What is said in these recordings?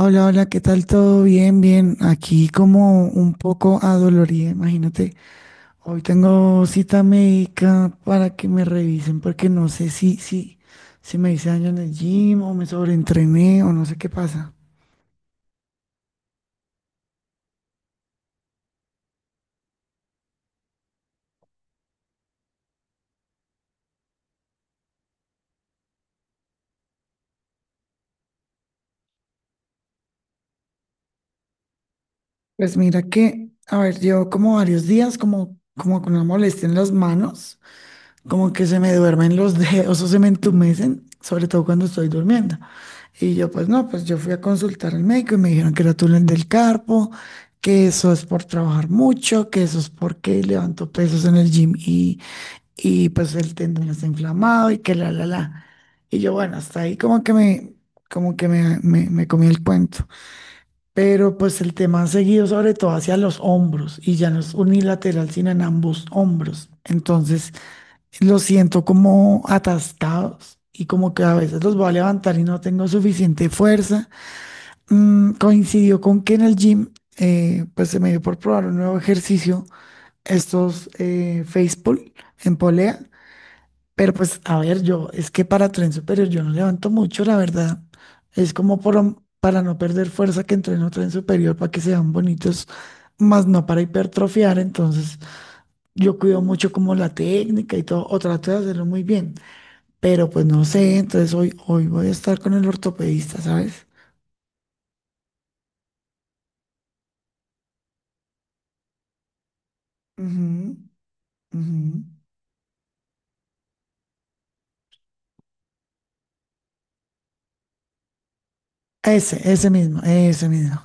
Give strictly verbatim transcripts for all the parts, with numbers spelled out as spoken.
Hola, hola, ¿qué tal? ¿Todo bien? Bien, aquí como un poco adolorida, imagínate. Hoy tengo cita médica para que me revisen porque no sé si, si, si me hice daño en el gym o me sobreentrené o no sé qué pasa. Pues mira que, a ver, llevo como varios días como, como con una molestia en las manos. Como que se me duermen los dedos o se me entumecen, sobre todo cuando estoy durmiendo. Y yo, pues no, pues yo fui a consultar al médico y me dijeron que era túnel del carpo, que eso es por trabajar mucho, que eso es porque levanto pesos en el gym y, y pues el tendón está inflamado y que la, la, la. Y yo, bueno, hasta ahí como que me, como que me, me, me comí el cuento. Pero pues el tema ha seguido sobre todo hacia los hombros y ya no es unilateral, sino en ambos hombros. Entonces, los siento como atascados y como que a veces los voy a levantar y no tengo suficiente fuerza. Mm, coincidió con que en el gym, eh, pues se me dio por probar un nuevo ejercicio, estos eh, face pull en polea. Pero pues, a ver, yo, es que para tren superior yo no levanto mucho, la verdad. Es como por- para no perder fuerza que entreno tren superior para que sean bonitos, más no para hipertrofiar. Entonces, yo cuido mucho como la técnica y todo, o trato de hacerlo muy bien, pero pues no sé, entonces hoy, hoy voy a estar con el ortopedista, ¿sabes? Ujú, ujú. Ese, ese mismo, ese mismo.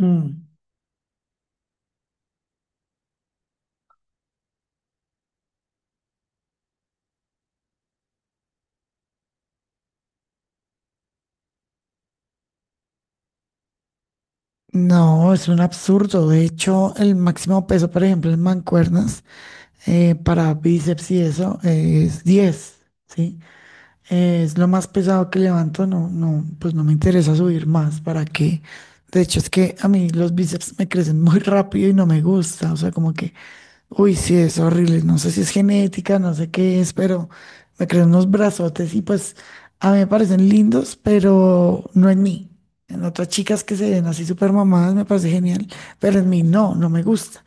Mm. No, es un absurdo. De hecho, el máximo peso, por ejemplo, en mancuernas, eh, para bíceps y eso, eh, es diez. ¿Sí? Eh, es lo más pesado que levanto, no, no, pues no me interesa subir más, ¿para qué? De hecho, es que a mí los bíceps me crecen muy rápido y no me gusta, o sea, como que... Uy, sí, es horrible. No sé si es genética, no sé qué es, pero me creo unos brazotes y pues a mí me parecen lindos, pero no en mí. En otras chicas que se ven así súper mamadas me parece genial, pero en mí no, no me gusta.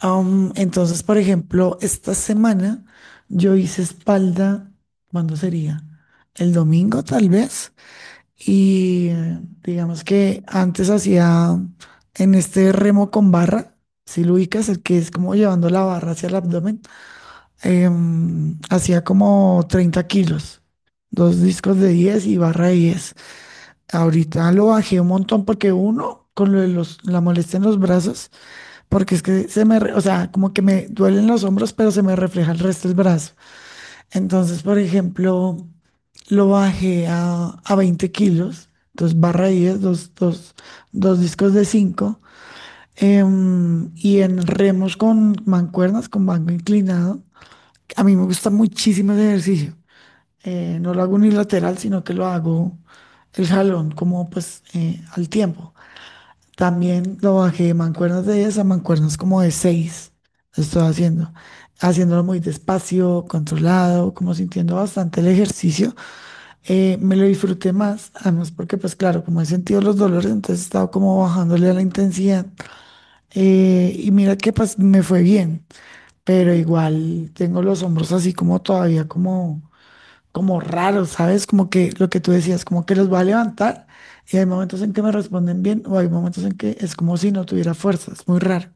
Am, entonces, por ejemplo, esta semana yo hice espalda. ¿Cuándo sería? El domingo, tal vez. Y eh, digamos que antes hacía en este remo con barra, si lo ubicas, el que es como llevando la barra hacia el abdomen, em, hacía como treinta kilos, dos discos de diez y barra de diez. Ahorita lo bajé un montón porque uno, con lo de los, la molestia en los brazos, porque es que se me, re- o sea, como que me duelen los hombros, pero se me refleja el resto del brazo. Entonces, por ejemplo, lo bajé a, a veinte kilos, dos barra diez, dos, dos, dos discos de cinco, em, y en remos con mancuernas, con banco inclinado. A mí me gusta muchísimo ese ejercicio. Eh, no lo hago unilateral, sino que lo hago el jalón, como pues eh, al tiempo. También lo bajé de mancuernas de diez a mancuernas como de seis, lo estoy haciendo, haciéndolo muy despacio, controlado, como sintiendo bastante el ejercicio. Eh, me lo disfruté más, además porque pues claro, como he sentido los dolores, entonces he estado como bajándole a la intensidad. Eh, y mira que pues me fue bien, pero igual tengo los hombros así como todavía como como raros, ¿sabes? Como que lo que tú decías, como que los va a levantar y hay momentos en que me responden bien o hay momentos en que es como si no tuviera fuerzas, muy raro.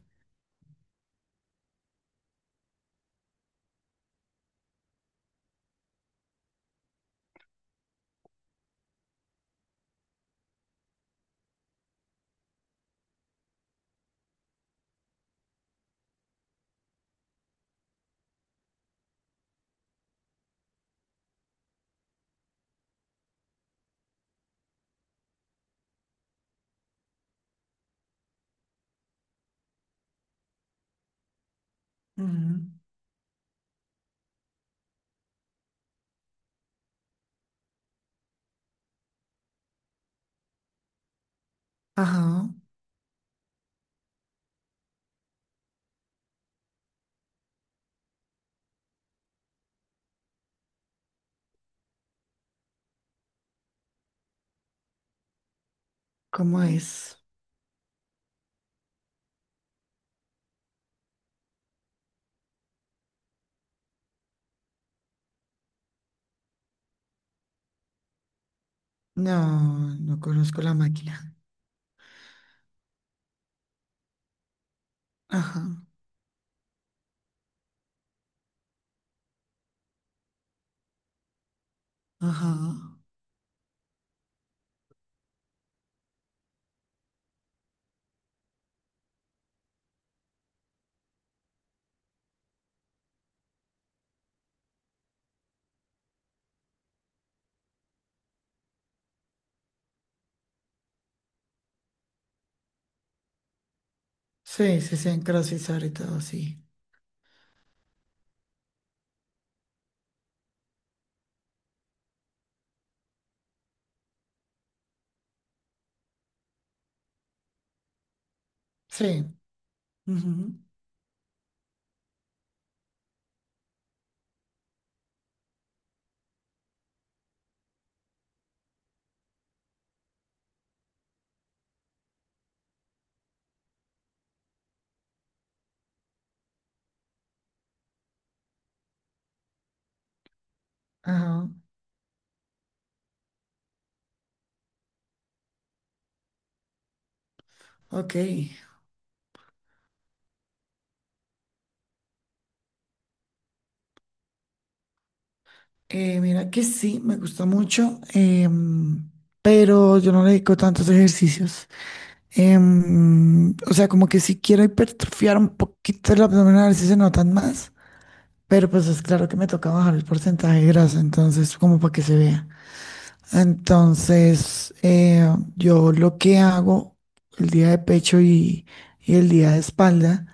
Mm. Ajá. ¿Cómo es? No, no conozco la máquina. Ajá, ajá. Sí, sí, sí, en CrossFit y todo, sí. Sí, ujú, ajá, ok. Eh, mira que sí, me gusta mucho, em, pero yo no le dedico tantos ejercicios. Em, o sea, como que si quiero hipertrofiar un poquito el abdomen a ver si se notan más, pero pues es claro que me toca bajar el porcentaje de grasa, entonces como para que se vea. Entonces, eh, yo lo que hago el día de pecho y, y el día de espalda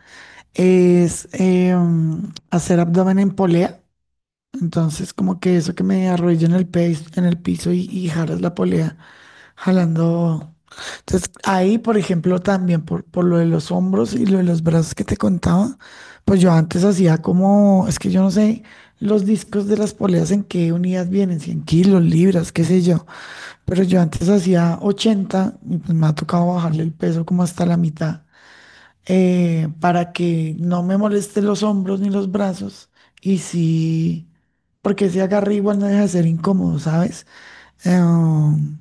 es em, hacer abdomen en polea. Entonces, como que eso que me arrodillo en el, pez- en el piso y, y jaras la polea. Jalando. Entonces, ahí, por ejemplo, también por, por lo de los hombros y lo de los brazos que te contaba, pues yo antes hacía como, es que yo no sé los discos de las poleas en qué unidas vienen, cien kilos, libras, qué sé yo, pero yo antes hacía ochenta, y pues me ha tocado bajarle el peso como hasta la mitad, eh, para que no me moleste los hombros ni los brazos y sí, porque ese agarre igual no deja de ser incómodo, ¿sabes? Em,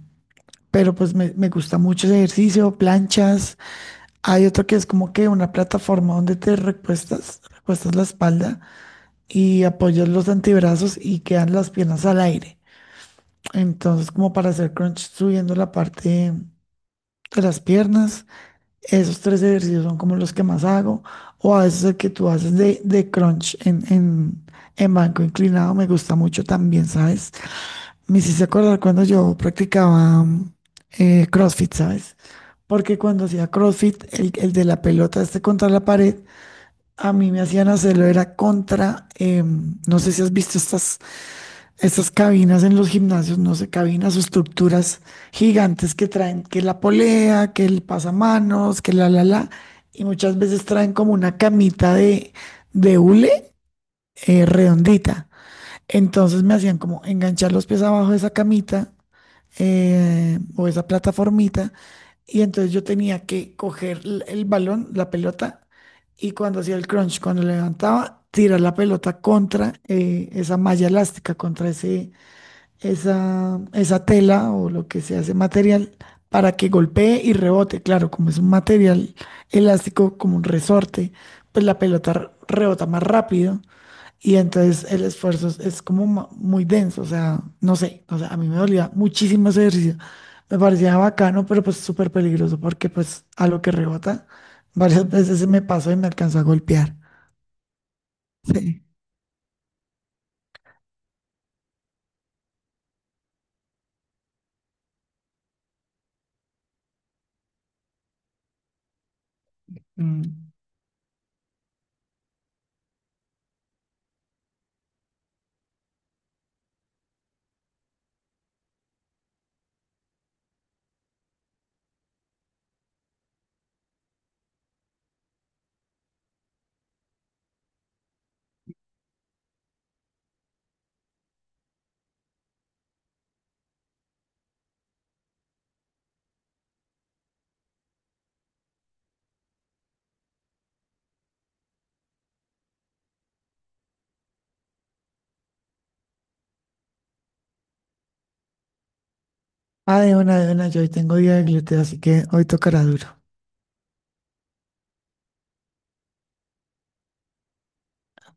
pero pues me, me gusta mucho ese ejercicio, planchas. Hay otro que es como que una plataforma donde te recuestas, recuestas la espalda y apoyas los antebrazos y quedan las piernas al aire. Entonces, como para hacer crunch subiendo la parte de las piernas. Esos tres ejercicios son como los que más hago. O a veces el que tú haces de, de crunch en, en, en banco inclinado me gusta mucho también, ¿sabes? Me hiciste acordar cuando yo practicaba mm, eh, CrossFit, ¿sabes? Porque cuando hacía CrossFit, el, el de la pelota este contra la pared, a mí me hacían hacerlo, era contra, em, no sé si has visto estas, estas cabinas en los gimnasios, no sé, cabinas o estructuras gigantes que traen, que la polea, que el pasamanos, que la, la, la, y muchas veces traen como una camita de, de hule eh, redondita. Entonces me hacían como enganchar los pies abajo de esa camita, eh, o esa plataformita, y entonces yo tenía que coger l- el balón, la pelota, y cuando hacía el crunch, cuando levantaba, tirar la pelota contra eh, esa malla elástica, contra ese, esa, esa tela o lo que sea, ese material, para que golpee y rebote. Claro, como es un material elástico, como un resorte, pues la pelota r- rebota más rápido y entonces el esfuerzo es, es como ma- muy denso, o sea, no sé, o sea, a mí me dolía muchísimo ese ejercicio. Me parecía bacano, pero pues súper peligroso porque pues a lo que rebota, varias veces se me pasó y me alcanzó a golpear. Sí. Mm. Ah, de una, de una, yo hoy tengo día de glúteo, así que hoy tocará duro.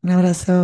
Un abrazo.